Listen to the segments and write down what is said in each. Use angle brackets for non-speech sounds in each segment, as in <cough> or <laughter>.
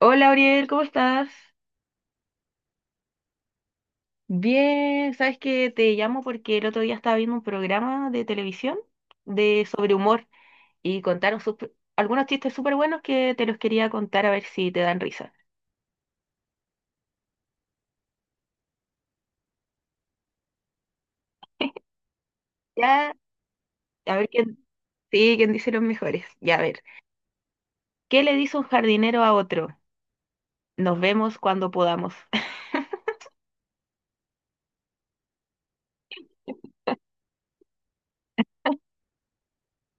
Hola, Ariel, ¿cómo estás? Bien, sabes que te llamo porque el otro día estaba viendo un programa de televisión de sobre humor y contaron algunos chistes súper buenos que te los quería contar a ver si te dan risa. Ya, a ver quién, sí, quién dice los mejores. Ya, a ver. ¿Qué le dice un jardinero a otro? Nos vemos cuando podamos. <laughs>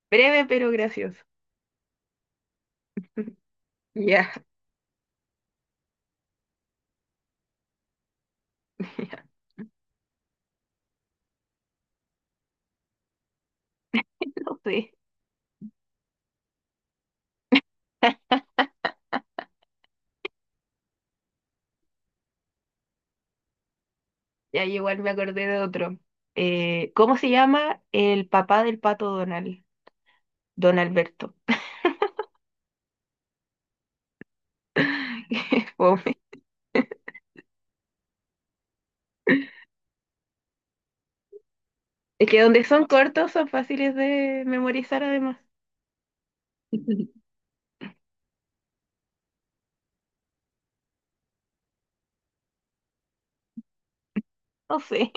Breve pero gracioso. <laughs> Ya, <laughs> ya, no sé. Ya igual me acordé de otro. ¿Cómo se llama el papá del pato Donald? Don Alberto. <laughs> Qué fome. Es que donde son cortos son fáciles de memorizar además. <laughs> No sé,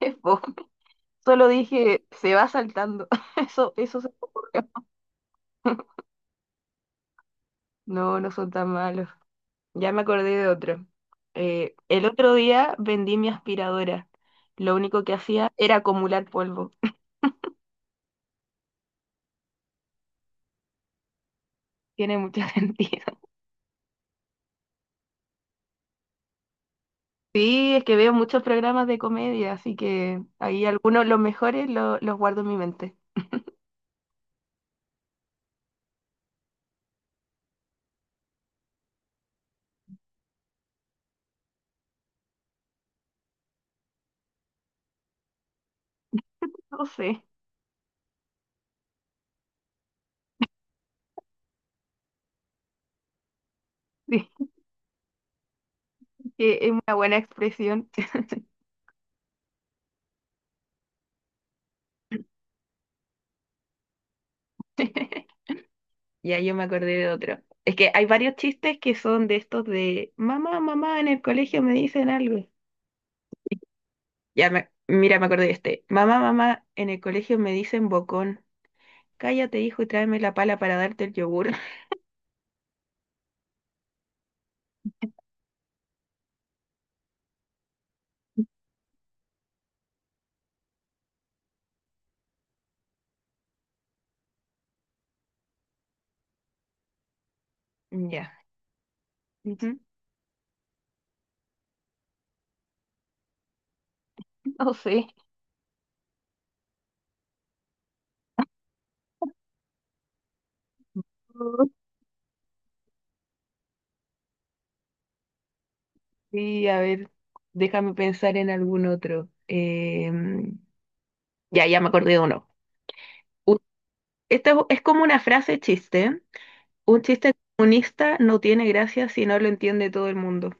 es fome. Solo dije, se va saltando. <laughs> Eso, eso. No, no son tan malos. Ya me acordé de otro. El otro día vendí mi aspiradora. Lo único que hacía era acumular polvo. Tiene mucho <laughs> sentido. Sí, es que veo muchos programas de comedia, así que ahí algunos, los mejores, los guardo en mi mente. No sé. <laughs> que Es una buena expresión. <laughs> Ya yo me acordé de otro. Es que hay varios chistes que son de estos de mamá, mamá, en el colegio me dicen algo. Ya me, mira, me acordé de este. Mamá, mamá, en el colegio me dicen bocón. Cállate, hijo, y tráeme la pala para darte el yogur. <laughs> Ya. Ujú. No sé. Sí, a ver, déjame pensar en algún otro. Ya, ya me acordé de uno. U- Esta es como una frase chiste. Un chiste comunista no tiene gracia si no lo entiende todo el mundo.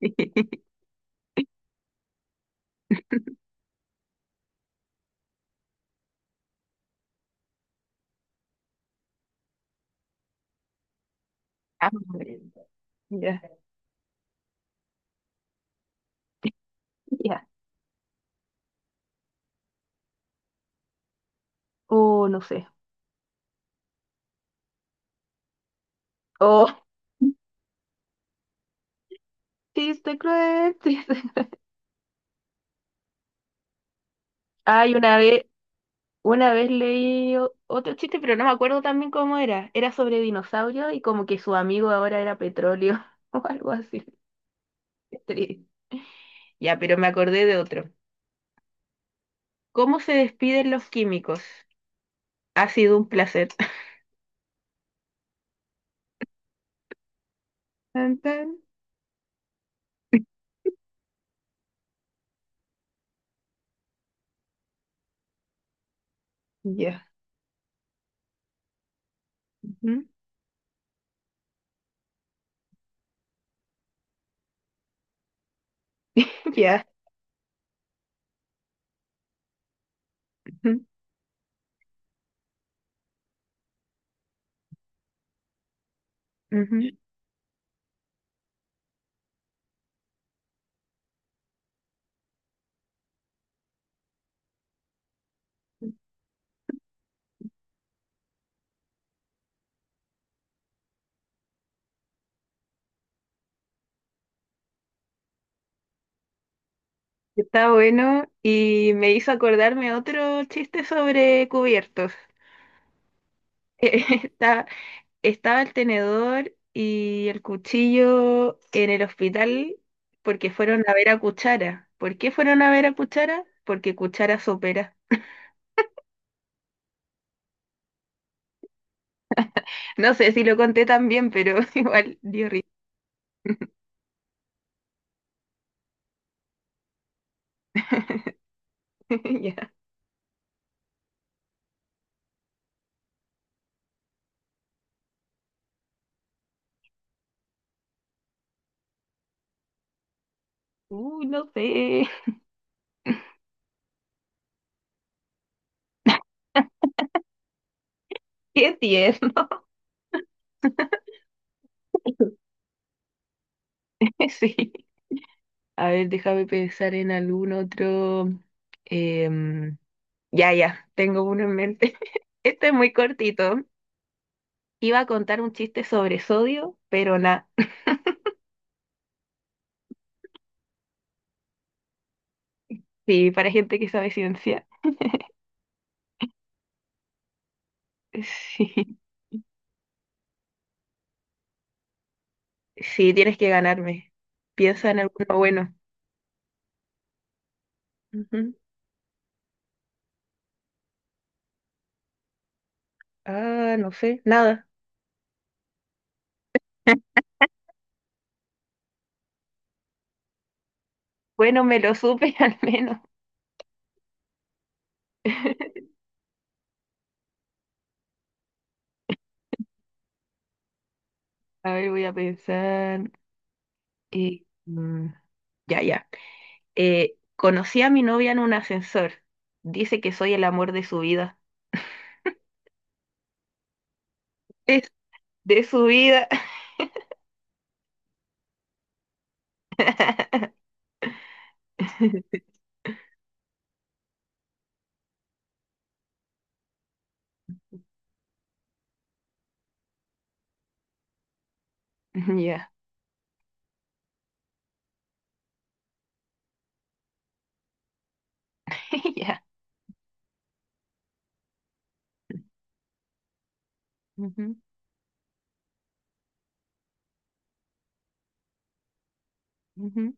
<laughs> Ah, bueno. Ya, ya. Oh, no sé. Oh, <laughs> chiste cruel, chiste. Ay, una vez leí otro chiste, pero no me acuerdo también cómo era. Era sobre dinosaurios y como que su amigo ahora era petróleo <laughs> o algo así. Qué triste. Ya, pero me acordé de otro. ¿Cómo se despiden los químicos? Ha sido un placer. <laughs> Tan, tan. Ya. Ujú. Ya. Ujú. Ujú. Está bueno y me hizo acordarme otro chiste sobre cubiertos. <laughs> Está, estaba el tenedor y el cuchillo en el hospital porque fueron a ver a Cuchara. ¿Por qué fueron a ver a Cuchara? Porque Cuchara sopera. No sé si lo conté tan bien, pero <laughs> igual dio risa. <laughs> Ya. No sé. Qué tierno. <laughs> Sí. A ver, déjame pensar en algún otro. em, Ya, ya, tengo uno en mente. <laughs> Este es muy cortito. Iba a contar un chiste sobre sodio, pero nada. <laughs> Sí, para gente que sabe ciencia. <laughs> Sí, sí, tienes que ganarme. Piensa en alguno bueno. Ujú. Ah, no sé, nada. Bueno, me lo supe <laughs> al menos. <laughs> A ver, voy a pensar. Y, ya, ya. Conocí a mi novia en un ascensor. Dice que soy el amor de su vida. Es de su vida. <laughs> Ya. <laughs> Ya. Ujú, ujú.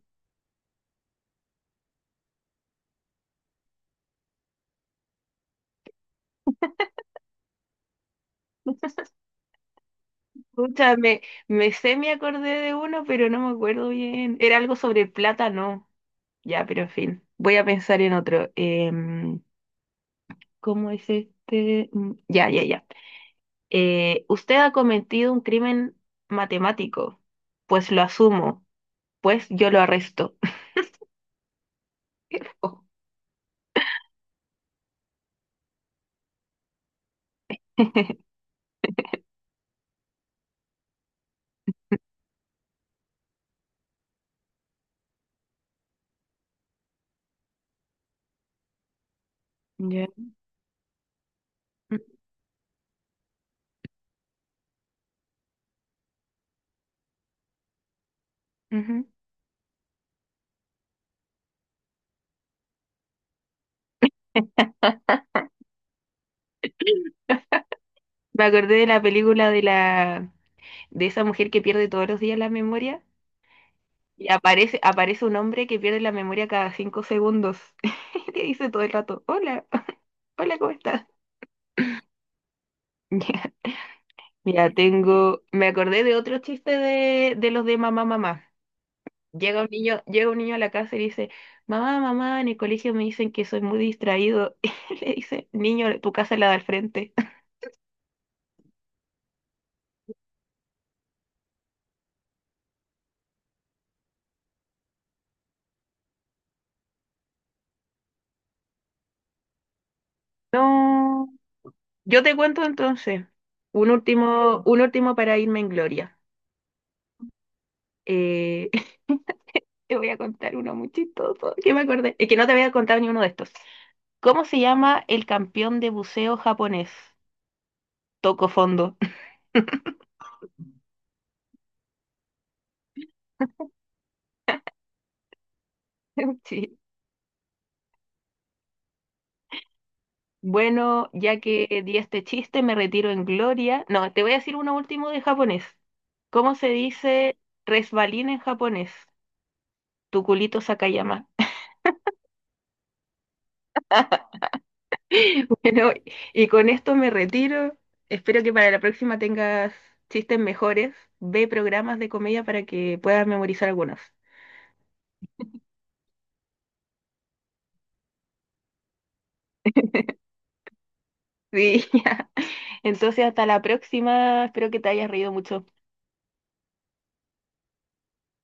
Pucha, me sé, me acordé de uno, pero no me acuerdo bien. Era algo sobre el plátano. Ya, pero en fin, voy a pensar en otro. Em, ¿Cómo es este? Ya, ya, ya. Usted ha cometido un crimen matemático. Pues lo asumo. Pues yo lo arresto. <laughs> Oh. <laughs> Ya. Mm, ujú. Me acordé de la película de esa mujer que pierde todos los días la memoria. Aparece un hombre que pierde la memoria cada 5 segundos. <laughs> Que dice todo el rato, hola, hola, ¿cómo estás? <laughs> Ya, ya tengo, me acordé de otro chiste de los de mamá, mamá. Llega un niño a la casa y dice, mamá, mamá, en el colegio me dicen que soy muy distraído. <laughs> Y le dice, niño, tu casa es la da al frente. <laughs> No, yo te cuento entonces. Un último para irme en gloria. Eh, <laughs> te voy a contar uno muy chistoso que me acordé. Es que no te había contado ni uno de estos. ¿Cómo se llama el campeón de buceo japonés? Toco fondo. <laughs> Sí. Bueno, ya que di este chiste, me retiro en gloria. No, te voy a decir uno último de japonés. ¿Cómo se dice resbalín en japonés? Tuculito Sakayama. <laughs> Bueno, y con esto me retiro. Espero que para la próxima tengas chistes mejores. Ve programas de comedia para que puedas memorizar algunos. Sí, <laughs> ya. Entonces hasta la próxima. Espero que te hayas reído mucho.